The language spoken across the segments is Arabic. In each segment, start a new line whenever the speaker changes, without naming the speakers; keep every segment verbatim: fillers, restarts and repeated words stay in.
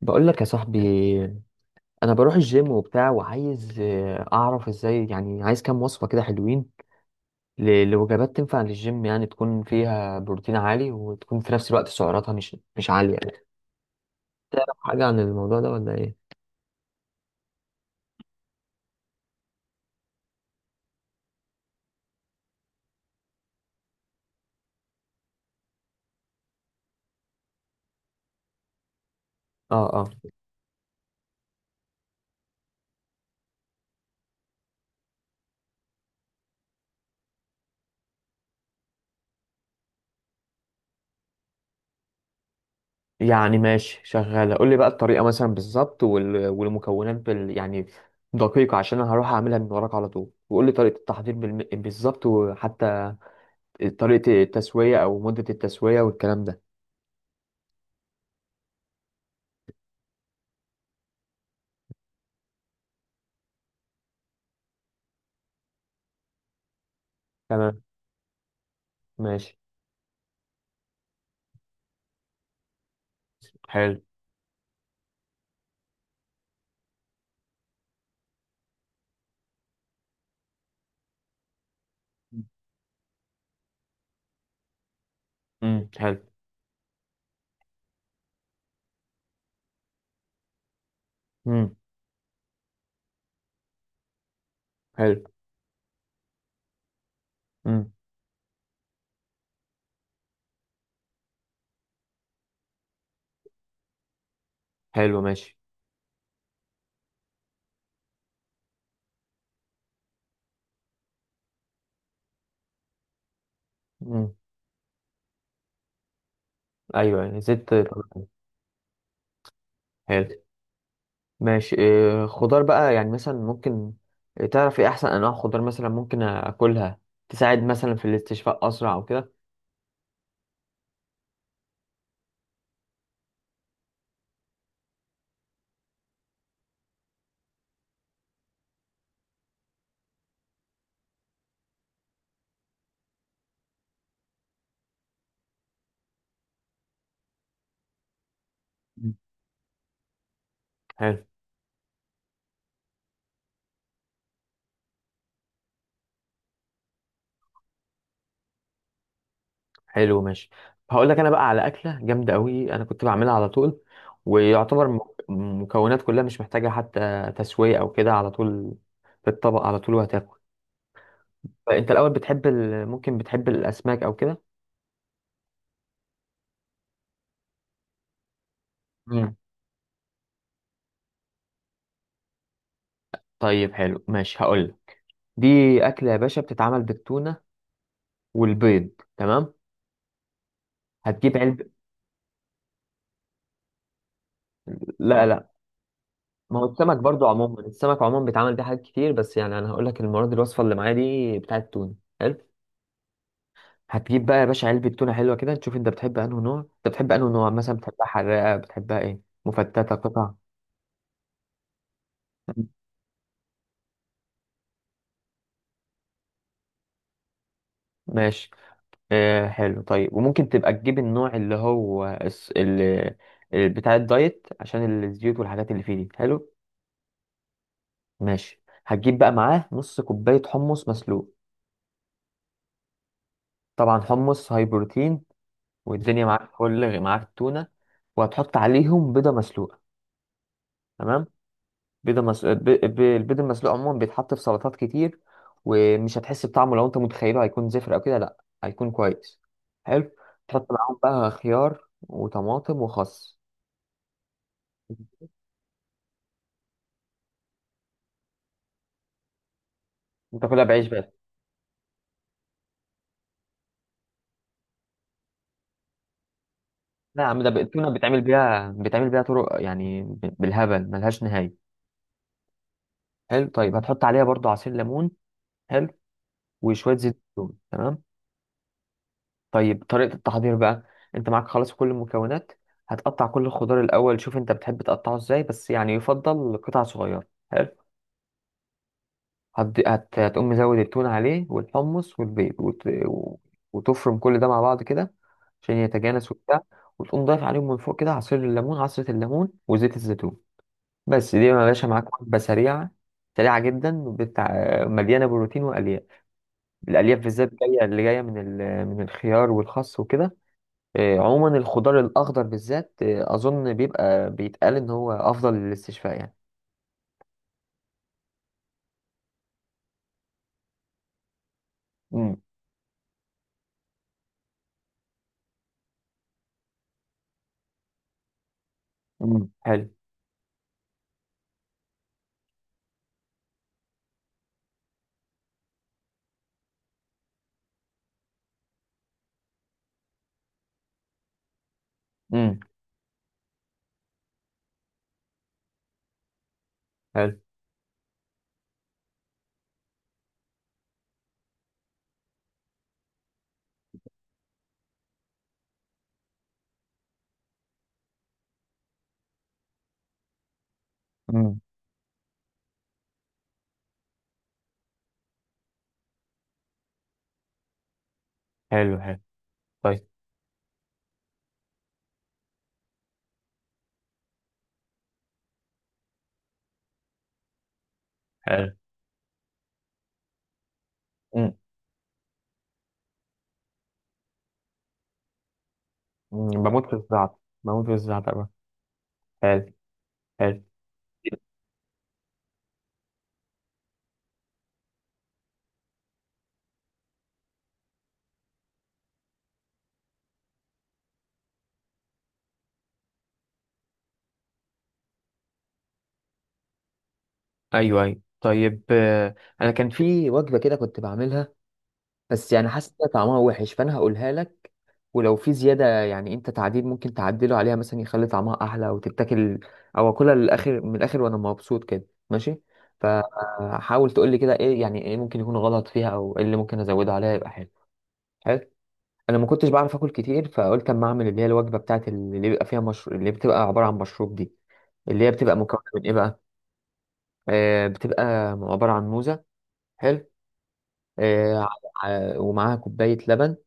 بقول لك يا صاحبي، انا بروح الجيم وبتاع وعايز آه، اعرف ازاي، يعني عايز كام وصفة كده حلوين ل- لوجبات تنفع للجيم، يعني تكون فيها بروتين عالي وتكون في نفس الوقت سعراتها مش مش عالية يعني. تعرف حاجة عن الموضوع ده ولا ايه؟ اه اه. يعني ماشي شغالة، قول لي بقى الطريقة مثلا بالظبط وال- والمكونات بال يعني دقيقة، عشان انا هروح اعملها من وراك على طول. وقول لي طريقة التحضير بالم... بالظبط، وحتى طريقة التسوية او مدة التسوية والكلام ده. تمام. ماشي. حلو. امم. حلو. امم. حلو. امم. حلو ماشي. امم. ايوه يعني زدت طبقتين. حلو ماشي. إيه خضار بقى يعني مثلا ممكن؟ إيه، تعرف ايه احسن انواع خضار مثلا ممكن اكلها، تساعد مثلا في الاستشفاء اسرع او كده؟ مم. حلو. حلو ماشي. هقول لك انا بقى على اكله جامده قوي، انا كنت بعملها على طول. ويعتبر م- المكونات كلها مش محتاجه حتى تسويه او كده، على طول في الطبق على طول وهتاكل. انت الاول بتحب ال... ممكن بتحب الاسماك او كده؟ طيب حلو ماشي، هقول دي أكلة يا باشا بتتعمل بالتونة والبيض. تمام. هتجيب علب. لا اه لا. ما هو السمك برضو عموما، السمك عموما بيتعمل بيه حاجات كتير، بس يعني أنا هقول لك المرة دي الوصفة اللي معايا دي بتاعة التونة. حلو. هتجيب بقى يا باشا علبة تونة حلوة كده، تشوف أنت بتحب أنه نوع، أنت بتحب أنه نوع مثلا، بتحبها حراقة، بتحبها إيه مفتتة قطع. ماشي. آه حلو. طيب وممكن تبقى تجيب النوع اللي هو الس- اللي اللي بتاع الدايت عشان الزيوت والحاجات اللي فيه دي. حلو ماشي. هتجيب بقى معاه نص كوباية حمص مسلوق، طبعا حمص هاي بروتين، والدنيا معاك فل، معاك تونة. وهتحط عليهم بيضة مسلوقة. تمام. بيضة مس... ب... ب... البيض المسلوق عموما بيتحط في سلطات كتير، ومش هتحس بطعمه لو انت متخيله هيكون زفر او كده، لا هيكون كويس. حلو. تحط معاهم بقى خيار وطماطم وخس. وتاكلها بعيش بس. لا يا عم، ده ب- التونة بيتعمل بيها بيتعمل بيها طرق يعني ب- بالهبل ملهاش نهاية. حلو طيب. هتحط عليها برضو عصير ليمون. حلو. وشويه زيت زيتون. تمام. طيب طريقه التحضير بقى، انت معاك خلاص كل المكونات. هتقطع كل الخضار الاول، شوف انت بتحب تقطعه ازاي، بس يعني يفضل قطع صغيره. حلو. هت... هت... هتقوم مزود التون عليه والحمص والبيض وت... و- وتفرم كل ده مع بعض كده عشان يتجانس وبتاع. وتقوم ضايف عليهم من فوق كده عصير الليمون، عصرة الليمون وزيت الزيتون. بس دي يا باشا معاك وجبة سريعة، سريعة جدا بتاع، مليانة بروتين وألياف. الألياف بالذات جاية، اللي جاية من ال... من الخيار والخس وكده. آه، عموما الخضار الأخضر بالذات آه، أظن بيبقى بيتقال إن هو أفضل للاستشفاء يعني. مم. مم. حلو. مم. حلو. مم. حلو حلو. طيب حلو. مم. مم، بموت في الزعتر. بموت في الزعتر بقى. حلو حلو. أيوه أيوه طيب. آه، أنا كان في وجبة كده كنت بعملها، بس يعني حاسس ان طعمها وحش، فانا هقولها لك. ولو في زياده يعني انت تعديل ممكن تعدله عليها مثلا يخلي طعمها احلى وتتاكل، او اكلها للاخر من الاخر وانا مبسوط كده ماشي. فحاول تقول لي كده، ايه يعني، ايه ممكن يكون غلط فيها او ايه اللي ممكن ازودها عليها يبقى حلو. حلو. انا ما كنتش بعرف اكل كتير، فقلت اما اعمل اللي هي الوجبه بتاعت اللي بيبقى فيها مشروب، اللي بتبقى عباره عن مشروب دي. اللي هي بتبقى مكونة من ايه بقى؟ آه بتبقى عبارة عن موزة. حلو. آه ع- ع- ومعاها كوباية لبن،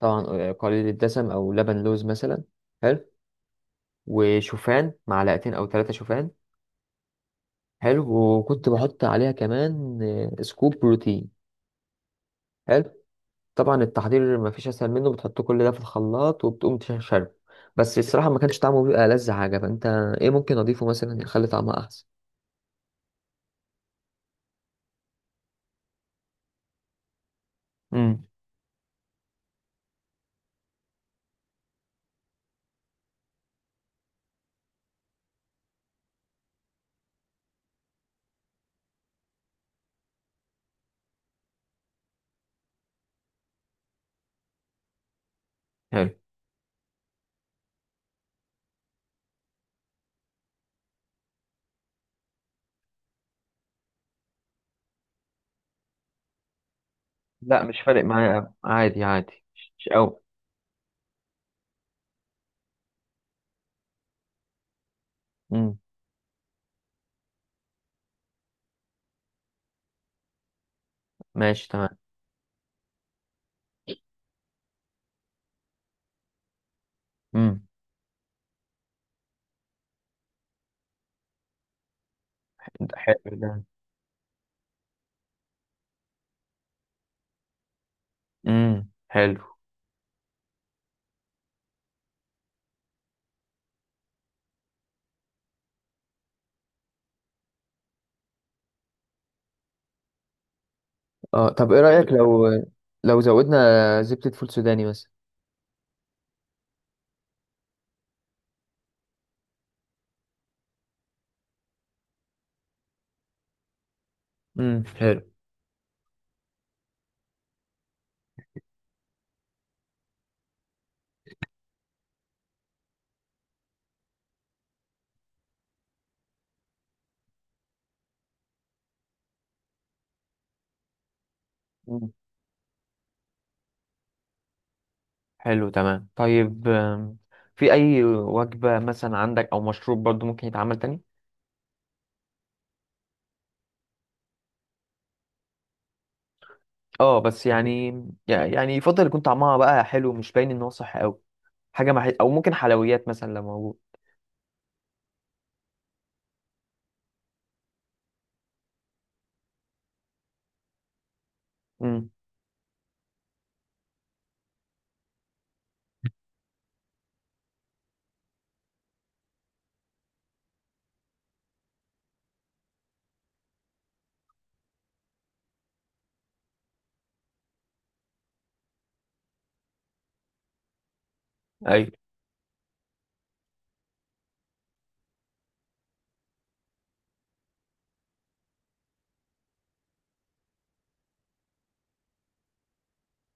طبعا آه، قليل الدسم او لبن لوز مثلا. حلو. وشوفان معلقتين او ثلاثة شوفان. حلو. وكنت بحط عليها كمان آه، سكوب بروتين. حلو. طبعا التحضير ما فيش اسهل منه، بتحط كل ده في الخلاط وبتقوم تشربه. بس الصراحة ما كانش طعمه بيبقى ألذ حاجة، فانت ايه ممكن اضيفه مثلا يخلي طعمها احسن؟ امم. حلو. لا مش فارق معايا أوي. عادي عادي، مش قوي. امم. ماشي تمام. امم. حلو ده. امم. حلو. اه طب ايه رأيك لو لو زودنا زبدة فول سوداني مثلا؟ امم. حلو. مم. حلو تمام. طيب آم، في اي وجبة مثلا عندك او مشروب برضو ممكن يتعمل تاني؟ اه بس يعني، يعني يفضل يكون طعمها بقى حلو، مش باين ان هو صح قوي. حاجة مع... او ممكن حلويات مثلا لو موجود. امم. ايوه